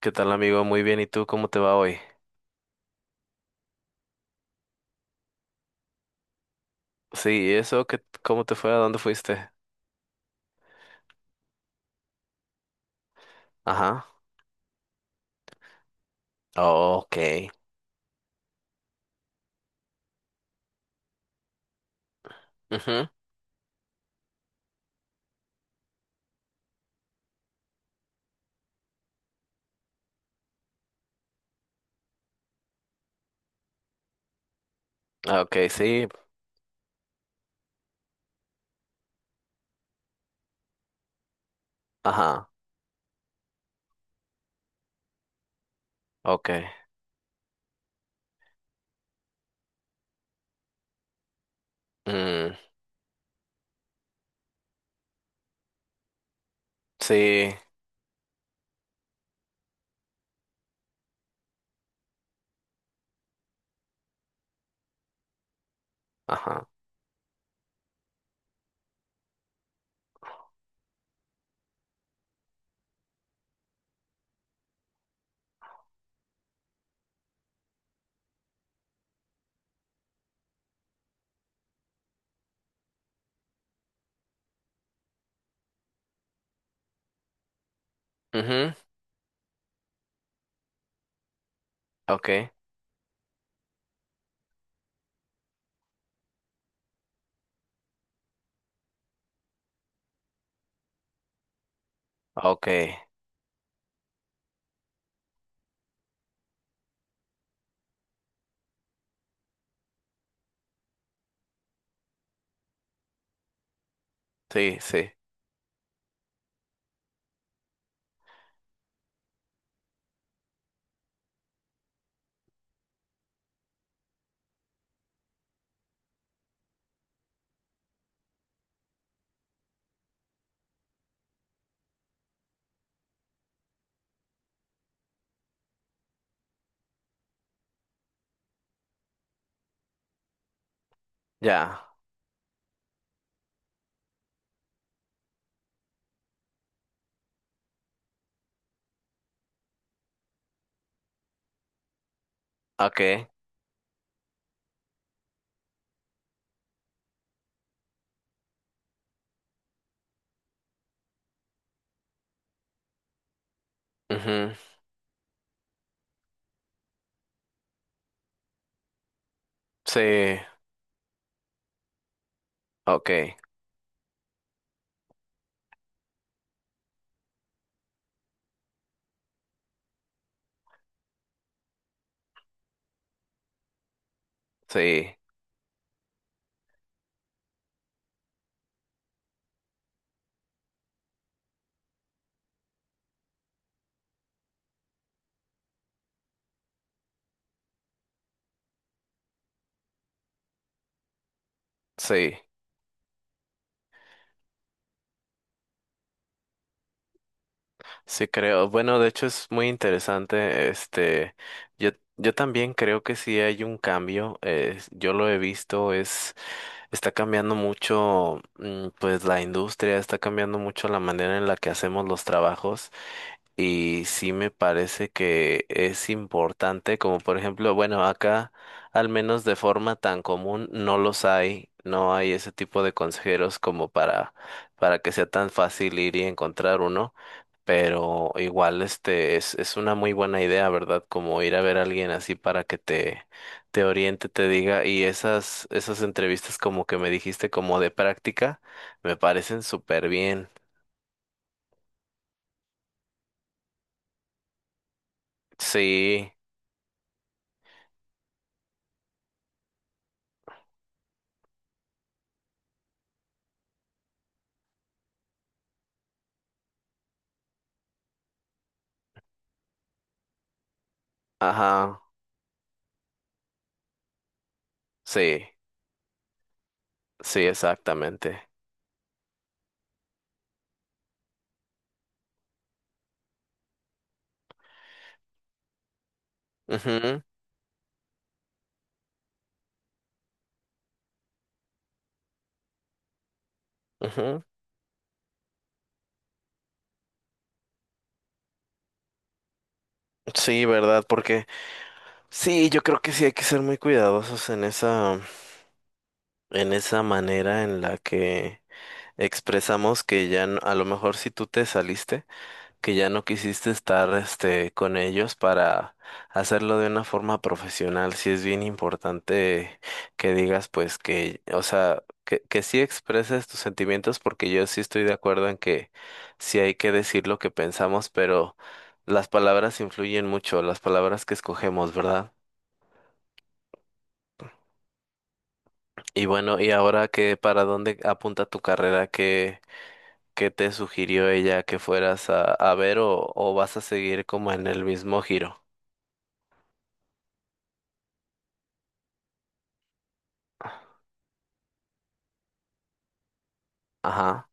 ¿Qué tal, amigo? Muy bien. ¿Y tú cómo te va hoy? Sí, ¿y eso? ¿Qué, cómo te fue? ¿A dónde fuiste? Ajá. Oh, ok. Ujú. Ah, ok, sí. Ajá. Ok. Mm, sí. Ajá. Mhm. Ok. Ok. Sí, sí. Ya. Ok. Mhm. Sí. Ok. Sí. Sí. Sí, creo. Bueno, de hecho es muy interesante. Yo, yo también creo que sí hay un cambio. Yo lo he visto, está cambiando mucho, pues la industria, está cambiando mucho la manera en la que hacemos los trabajos. Y sí me parece que es importante, como por ejemplo, bueno, acá al menos de forma tan común no los hay, no hay ese tipo de consejeros como para que sea tan fácil ir y encontrar uno, pero igual es una muy buena idea, ¿verdad? Como ir a ver a alguien así para que te oriente, te diga, y esas entrevistas como que me dijiste como de práctica, me parecen súper bien. Sí, ajá, sí, sí, exactamente. Ujú, ujú. Sí, ¿verdad? Porque sí, yo creo que sí hay que ser muy cuidadosos en en esa manera en la que expresamos que ya no- a lo mejor si tú te saliste, que ya no quisiste estar con ellos para hacerlo de una forma profesional. Sí es bien importante que digas pues o sea, que sí expreses tus sentimientos, porque yo sí estoy de acuerdo en que sí hay que decir lo que pensamos, pero las palabras influyen mucho, las palabras que escogemos, ¿verdad? Y bueno, y ahora que para dónde apunta tu carrera, qué te sugirió ella que fueras a ver, o vas a seguir como en el mismo giro. Ajá.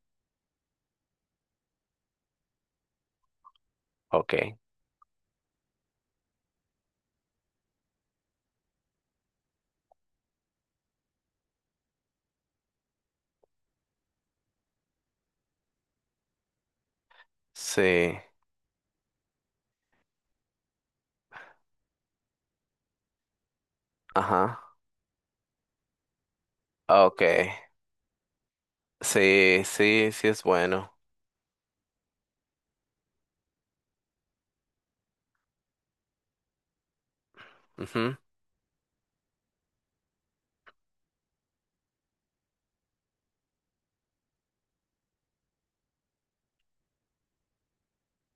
Ok, sí, ajá, ok, sí, sí, sí es bueno, mhm,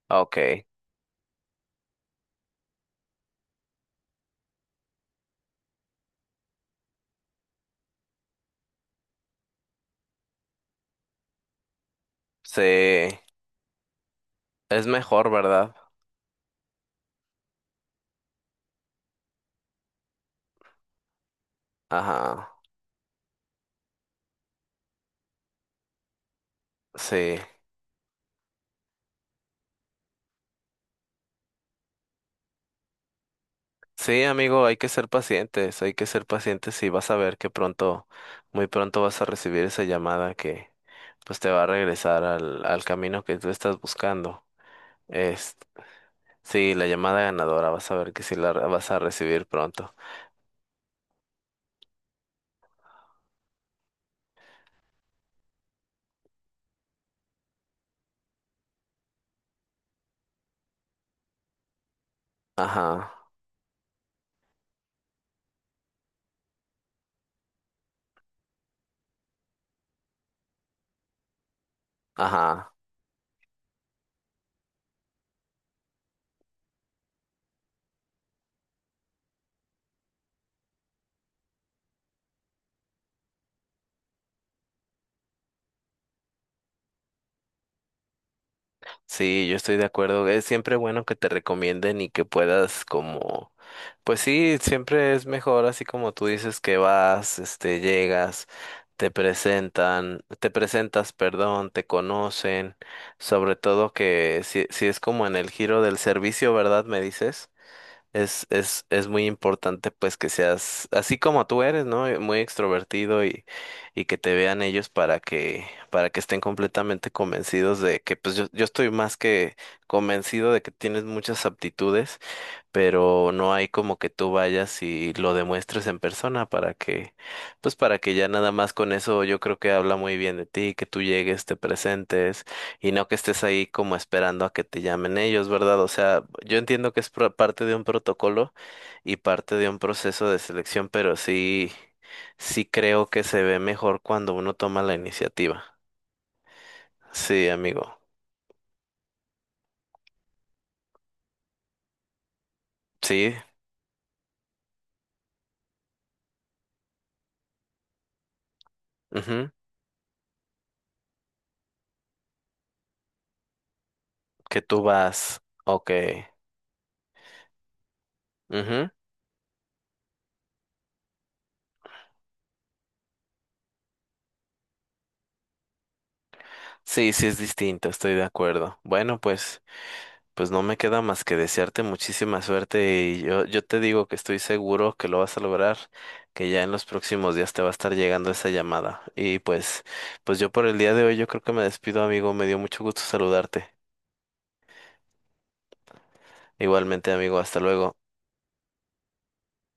ok, sí, es mejor, ¿verdad? Ajá, sí, sí, amigo, hay que ser pacientes, hay que ser pacientes y vas a ver que pronto, muy pronto vas a recibir esa llamada que pues te va a regresar al, al camino que tú estás buscando. Es, sí, la llamada ganadora, vas a ver que sí la re- vas a recibir pronto. Ajá, ajá. Sí, yo estoy de acuerdo. Es siempre bueno que te recomienden y que puedas como, pues sí, siempre es mejor así como tú dices que vas, este, llegas, te presentan, te presentas, perdón, te conocen, sobre todo que si, si es como en el giro del servicio, ¿verdad? Me dices. Es muy importante pues que seas así como tú eres, ¿no? Muy extrovertido y que te vean ellos para que estén completamente convencidos de que pues yo estoy más que convencido de que tienes muchas aptitudes, pero no hay como que tú vayas y lo demuestres en persona para que, pues para que ya nada más con eso yo creo que habla muy bien de ti, que tú llegues, te presentes y no que estés ahí como esperando a que te llamen ellos, ¿verdad? O sea, yo entiendo que es pro- parte de un protocolo y parte de un proceso de selección, pero sí, sí creo que se ve mejor cuando uno toma la iniciativa. Sí, amigo. Sí. Ujú. Que tú vas. Ok. Sí, sí es distinto, estoy de acuerdo. Bueno, pues, pues no me queda más que desearte muchísima suerte y yo te digo que estoy seguro que lo vas a lograr, que ya en los próximos días te va a estar llegando esa llamada. Y pues, pues yo por el día de hoy yo creo que me despido, amigo, me dio mucho gusto saludarte. Igualmente, amigo, hasta luego.